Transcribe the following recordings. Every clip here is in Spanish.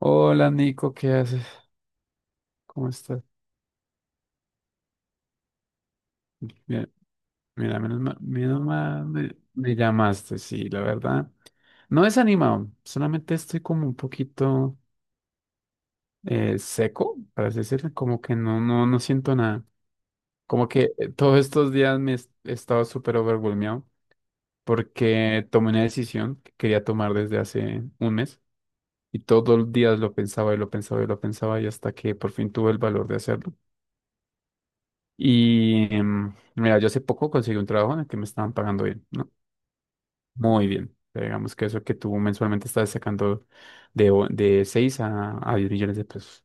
Hola Nico, ¿qué haces? ¿Cómo estás? Bien, mira, menos mal me llamaste, sí, la verdad. No desanimado, solamente estoy como un poquito seco, para así decirlo, como que no siento nada. Como que todos estos días me he estado súper overwhelmeado porque tomé una decisión que quería tomar desde hace un mes y todos los días lo pensaba y lo pensaba y lo pensaba y hasta que por fin tuve el valor de hacerlo. Y mira, yo hace poco conseguí un trabajo en el que me estaban pagando bien, ¿no? Muy bien. O sea, digamos que eso que tú mensualmente estás sacando de 6 a 10 millones de pesos.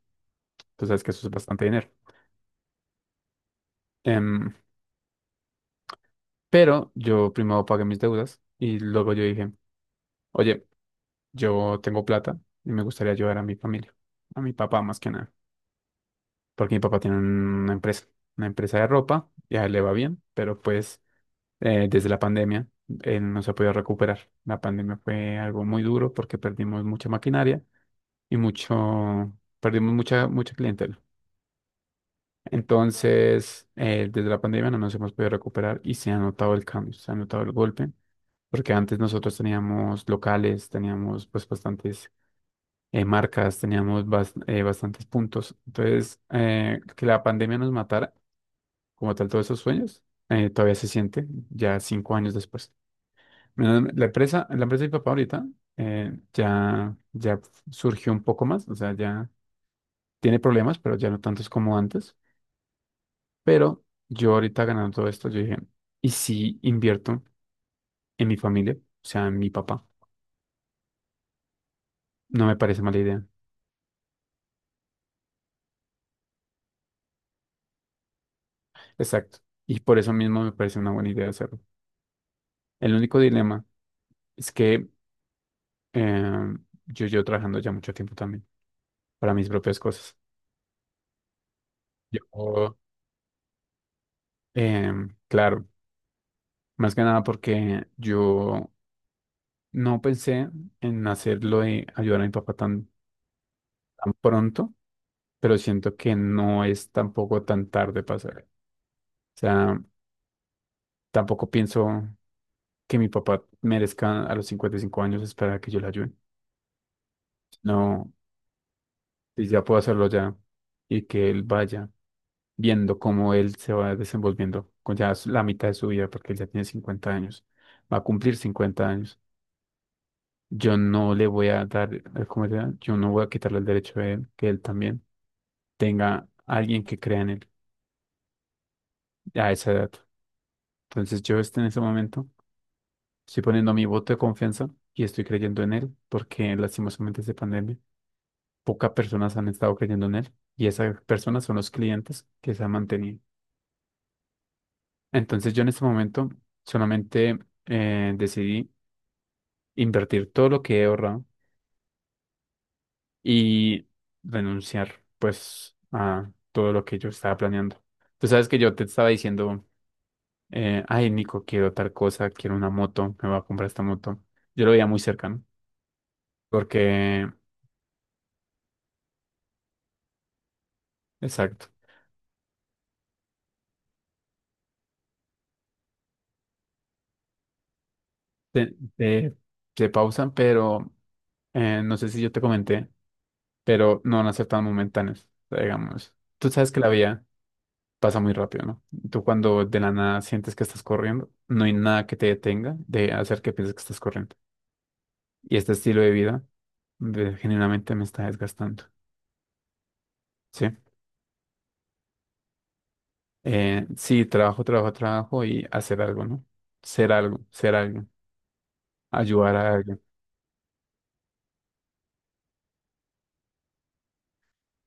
Tú sabes que eso es bastante dinero. Em, pero yo primero pagué mis deudas y luego yo dije, oye, yo tengo plata y me gustaría ayudar a mi familia, a mi papá más que nada, porque mi papá tiene una empresa de ropa y a él le va bien, pero pues desde la pandemia. No se ha podido recuperar. La pandemia fue algo muy duro porque perdimos mucha maquinaria y mucho, perdimos mucha, mucha clientela. Entonces, desde la pandemia no nos hemos podido recuperar y se ha notado el cambio, se ha notado el golpe, porque antes nosotros teníamos locales, teníamos pues bastantes marcas, teníamos bastantes puntos. Entonces, que la pandemia nos matara, como tal, todos esos sueños, todavía se siente ya 5 años después. Bueno, la empresa de mi papá ahorita ya surgió un poco más, o sea, ya tiene problemas, pero ya no tantos como antes. Pero yo ahorita ganando todo esto, yo dije, ¿y si invierto en mi familia? O sea, en mi papá. No me parece mala idea. Exacto. Y por eso mismo me parece una buena idea hacerlo. El único dilema es que eh, yo llevo trabajando ya mucho tiempo también para mis propias cosas. Yo, claro, más que nada porque yo no pensé en hacerlo de ayudar a mi papá tan, tan pronto, pero siento que no es tampoco tan tarde para hacerlo. O sea, tampoco pienso que mi papá merezca a los 55 años esperar a que yo le ayude. No, si ya puedo hacerlo ya y que él vaya viendo cómo él se va desenvolviendo con ya la mitad de su vida, porque él ya tiene 50 años, va a cumplir 50 años. Yo no le voy a dar, ¿cómo se llama? Yo no voy a quitarle el derecho a él, que él también tenga alguien que crea en él a esa edad. Entonces yo este, en ese momento estoy poniendo mi voto de confianza y estoy creyendo en él porque lastimosamente esta pandemia, pocas personas han estado creyendo en él y esas personas son los clientes que se han mantenido. Entonces yo en este momento solamente decidí invertir todo lo que he ahorrado y renunciar pues a todo lo que yo estaba planeando. Tú sabes que yo te estaba diciendo ay, Nico, quiero tal cosa, quiero una moto, me voy a comprar esta moto. Yo lo veía muy cercano, porque, exacto, te, te- te pausan, pero no sé si yo te comenté, pero no van a ser tan momentáneos, o sea, digamos. Tú sabes que la vida pasa muy rápido, ¿no? Tú cuando de la nada sientes que estás corriendo, no hay nada que te detenga de hacer que pienses que estás corriendo. Y este estilo de vida, genuinamente me está desgastando, ¿sí? Sí, trabajo, trabajo, trabajo y hacer algo, ¿no? Ser algo, ayudar a alguien.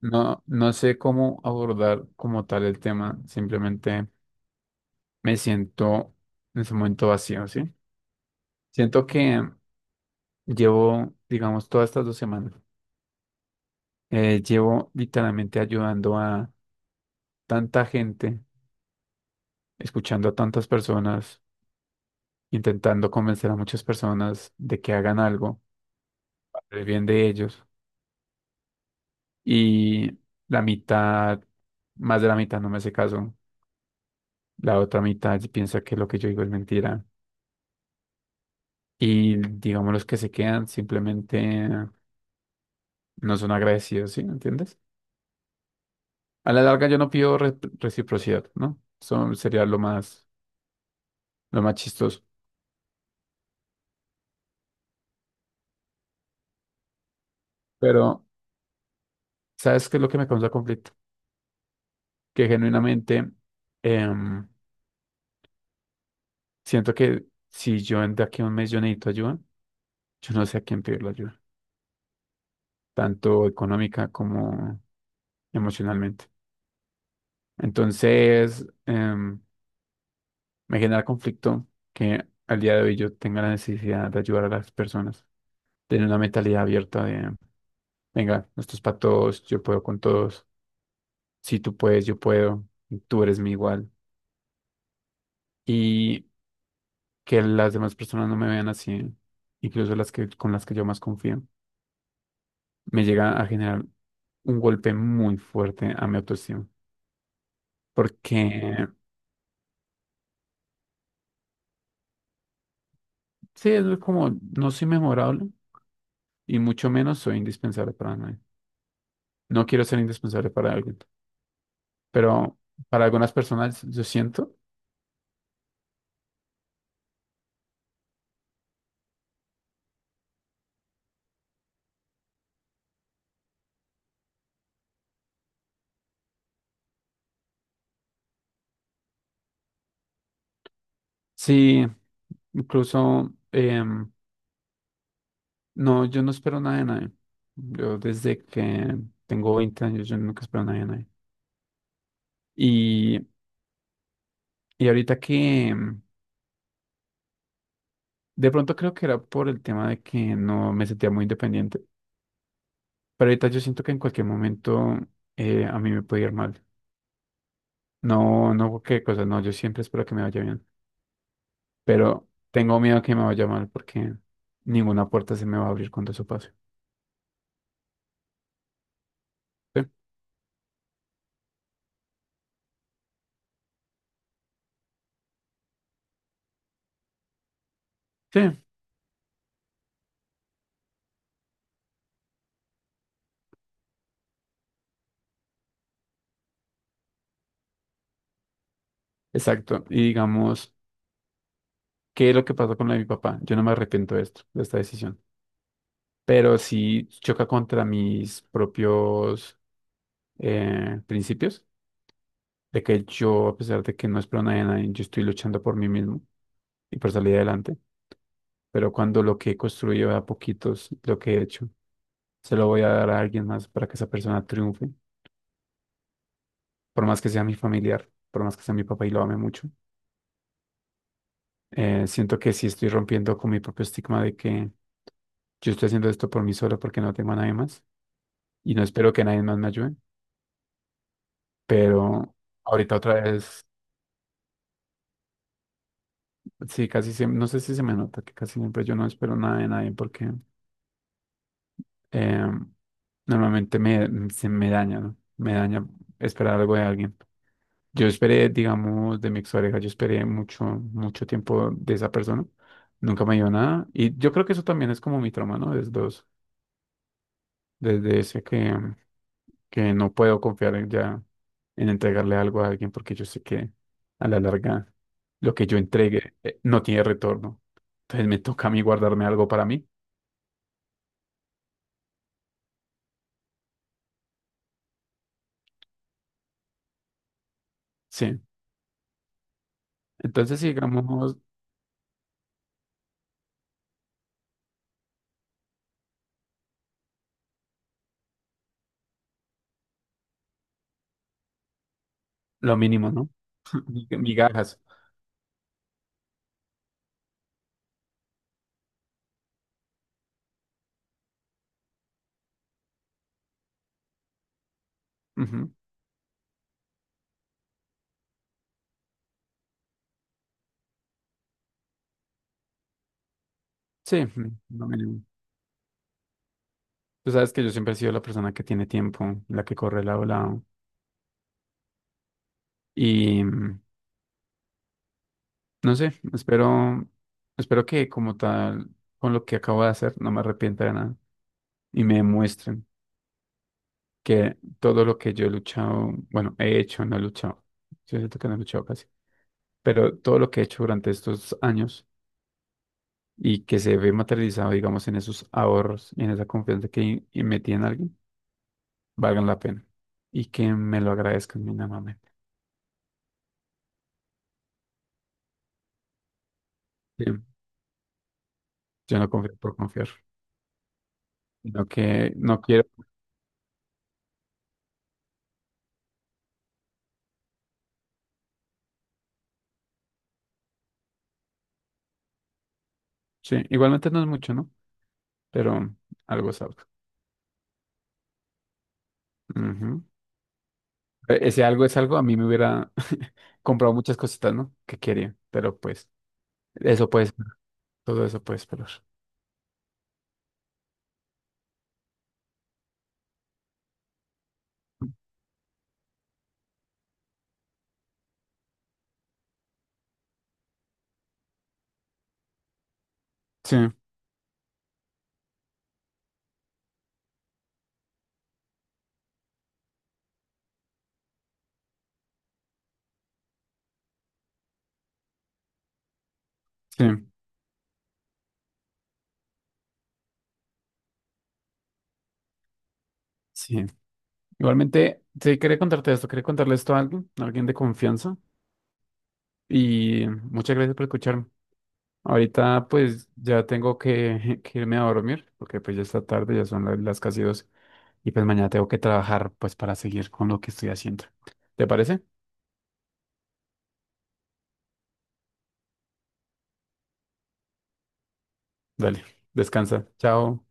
No, no sé cómo abordar como tal el tema, simplemente me siento en ese momento vacío, ¿sí? Siento que llevo, digamos, todas estas 2 semanas, llevo literalmente ayudando a tanta gente, escuchando a tantas personas, intentando convencer a muchas personas de que hagan algo, para el bien de ellos. Y la mitad, más de la mitad no me hace caso. La otra mitad piensa que lo que yo digo es mentira. Y digamos, los que se quedan simplemente no son agradecidos, ¿sí? ¿Me entiendes? A la larga yo no pido reciprocidad, ¿no? Eso sería lo más chistoso. Pero, ¿sabes qué es lo que me causa conflicto? Que genuinamente em, siento que si yo de aquí a un mes yo necesito ayuda, yo no sé a quién pedir la ayuda, tanto económica como emocionalmente. Entonces, me genera conflicto que al día de hoy yo tenga la necesidad de ayudar a las personas, tener una mentalidad abierta de, venga, esto es para todos, yo puedo con todos, si tú puedes, yo puedo, tú eres mi igual. Y que las demás personas no me vean así, incluso con las que yo más confío, me llega a generar un golpe muy fuerte a mi autoestima, porque sí, es como no soy memorable y mucho menos soy indispensable para nadie. No quiero ser indispensable para alguien, pero para algunas personas yo siento. Sí, incluso, no, yo no espero nada de nadie. Yo desde que tengo 20 años, yo nunca espero nada de nadie. Y, y ahorita que, de pronto creo que era por el tema de que no me sentía muy independiente, pero ahorita yo siento que en cualquier momento a mí me puede ir mal. No, no, qué cosa, no, yo siempre espero que me vaya bien. Pero tengo miedo que me vaya mal porque ninguna puerta se me va a abrir cuando eso pase. Sí, sí, exacto. Y digamos, ¿qué es lo que pasó con lo de mi papá? Yo no me arrepiento de esto, de esta decisión, pero sí choca contra mis propios principios, de que yo, a pesar de que no espero nada de nadie, yo estoy luchando por mí mismo y por salir adelante. Pero cuando lo que he construido de a poquitos, lo que he hecho, se lo voy a dar a alguien más para que esa persona triunfe. Por más que sea mi familiar, por más que sea mi papá y lo ame mucho, siento que sí estoy rompiendo con mi propio estigma de que yo estoy haciendo esto por mí solo porque no tengo a nadie más y no espero que nadie más me ayude, pero ahorita otra vez, sí, casi siempre, no sé si se me nota que casi siempre yo no espero nada de nadie porque eh, normalmente se me daña, ¿no? Me daña esperar algo de alguien. Yo esperé, digamos, de mi expareja, yo esperé mucho, mucho tiempo de esa persona. Nunca me dio nada. Y yo creo que eso también es como mi trauma, ¿no? Desde ese que no puedo confiar en en entregarle algo a alguien porque yo sé que a la larga lo que yo entregue no tiene retorno. Entonces me toca a mí guardarme algo para mí. Sí. Entonces, sí, digamos, lo mínimo, ¿no? Migajas. Ujú. Sí, no me nego. Tú sabes que yo siempre he sido la persona que tiene tiempo, la que corre lado a lado. Y no sé, espero que como tal, con lo que acabo de hacer, no me arrepienta de nada y me demuestren que todo lo que yo he luchado, bueno, he hecho, no he luchado. Yo siento que no he luchado casi, pero todo lo que he hecho durante estos años y que se ve materializado, digamos, en esos ahorros y en esa confianza que metí en alguien valgan la pena y que me lo agradezcan mínimamente. Sí, yo no confío por confiar, sino que no quiero. Sí, igualmente no es mucho, ¿no? Pero algo es algo. Ujú. Ese algo es algo, a mí me hubiera comprado muchas cositas, ¿no? Que quería, pero pues eso puede ser, todo eso puede esperar. Sí, sí, sí. Igualmente, sí, quería contarte esto, quería contarle esto a alguien de confianza y muchas gracias por escucharme. Ahorita pues ya tengo que, que irme a dormir porque pues ya está tarde, ya son las casi dos y pues mañana tengo que trabajar pues para seguir con lo que estoy haciendo. ¿Te parece? Dale, descansa. Chao.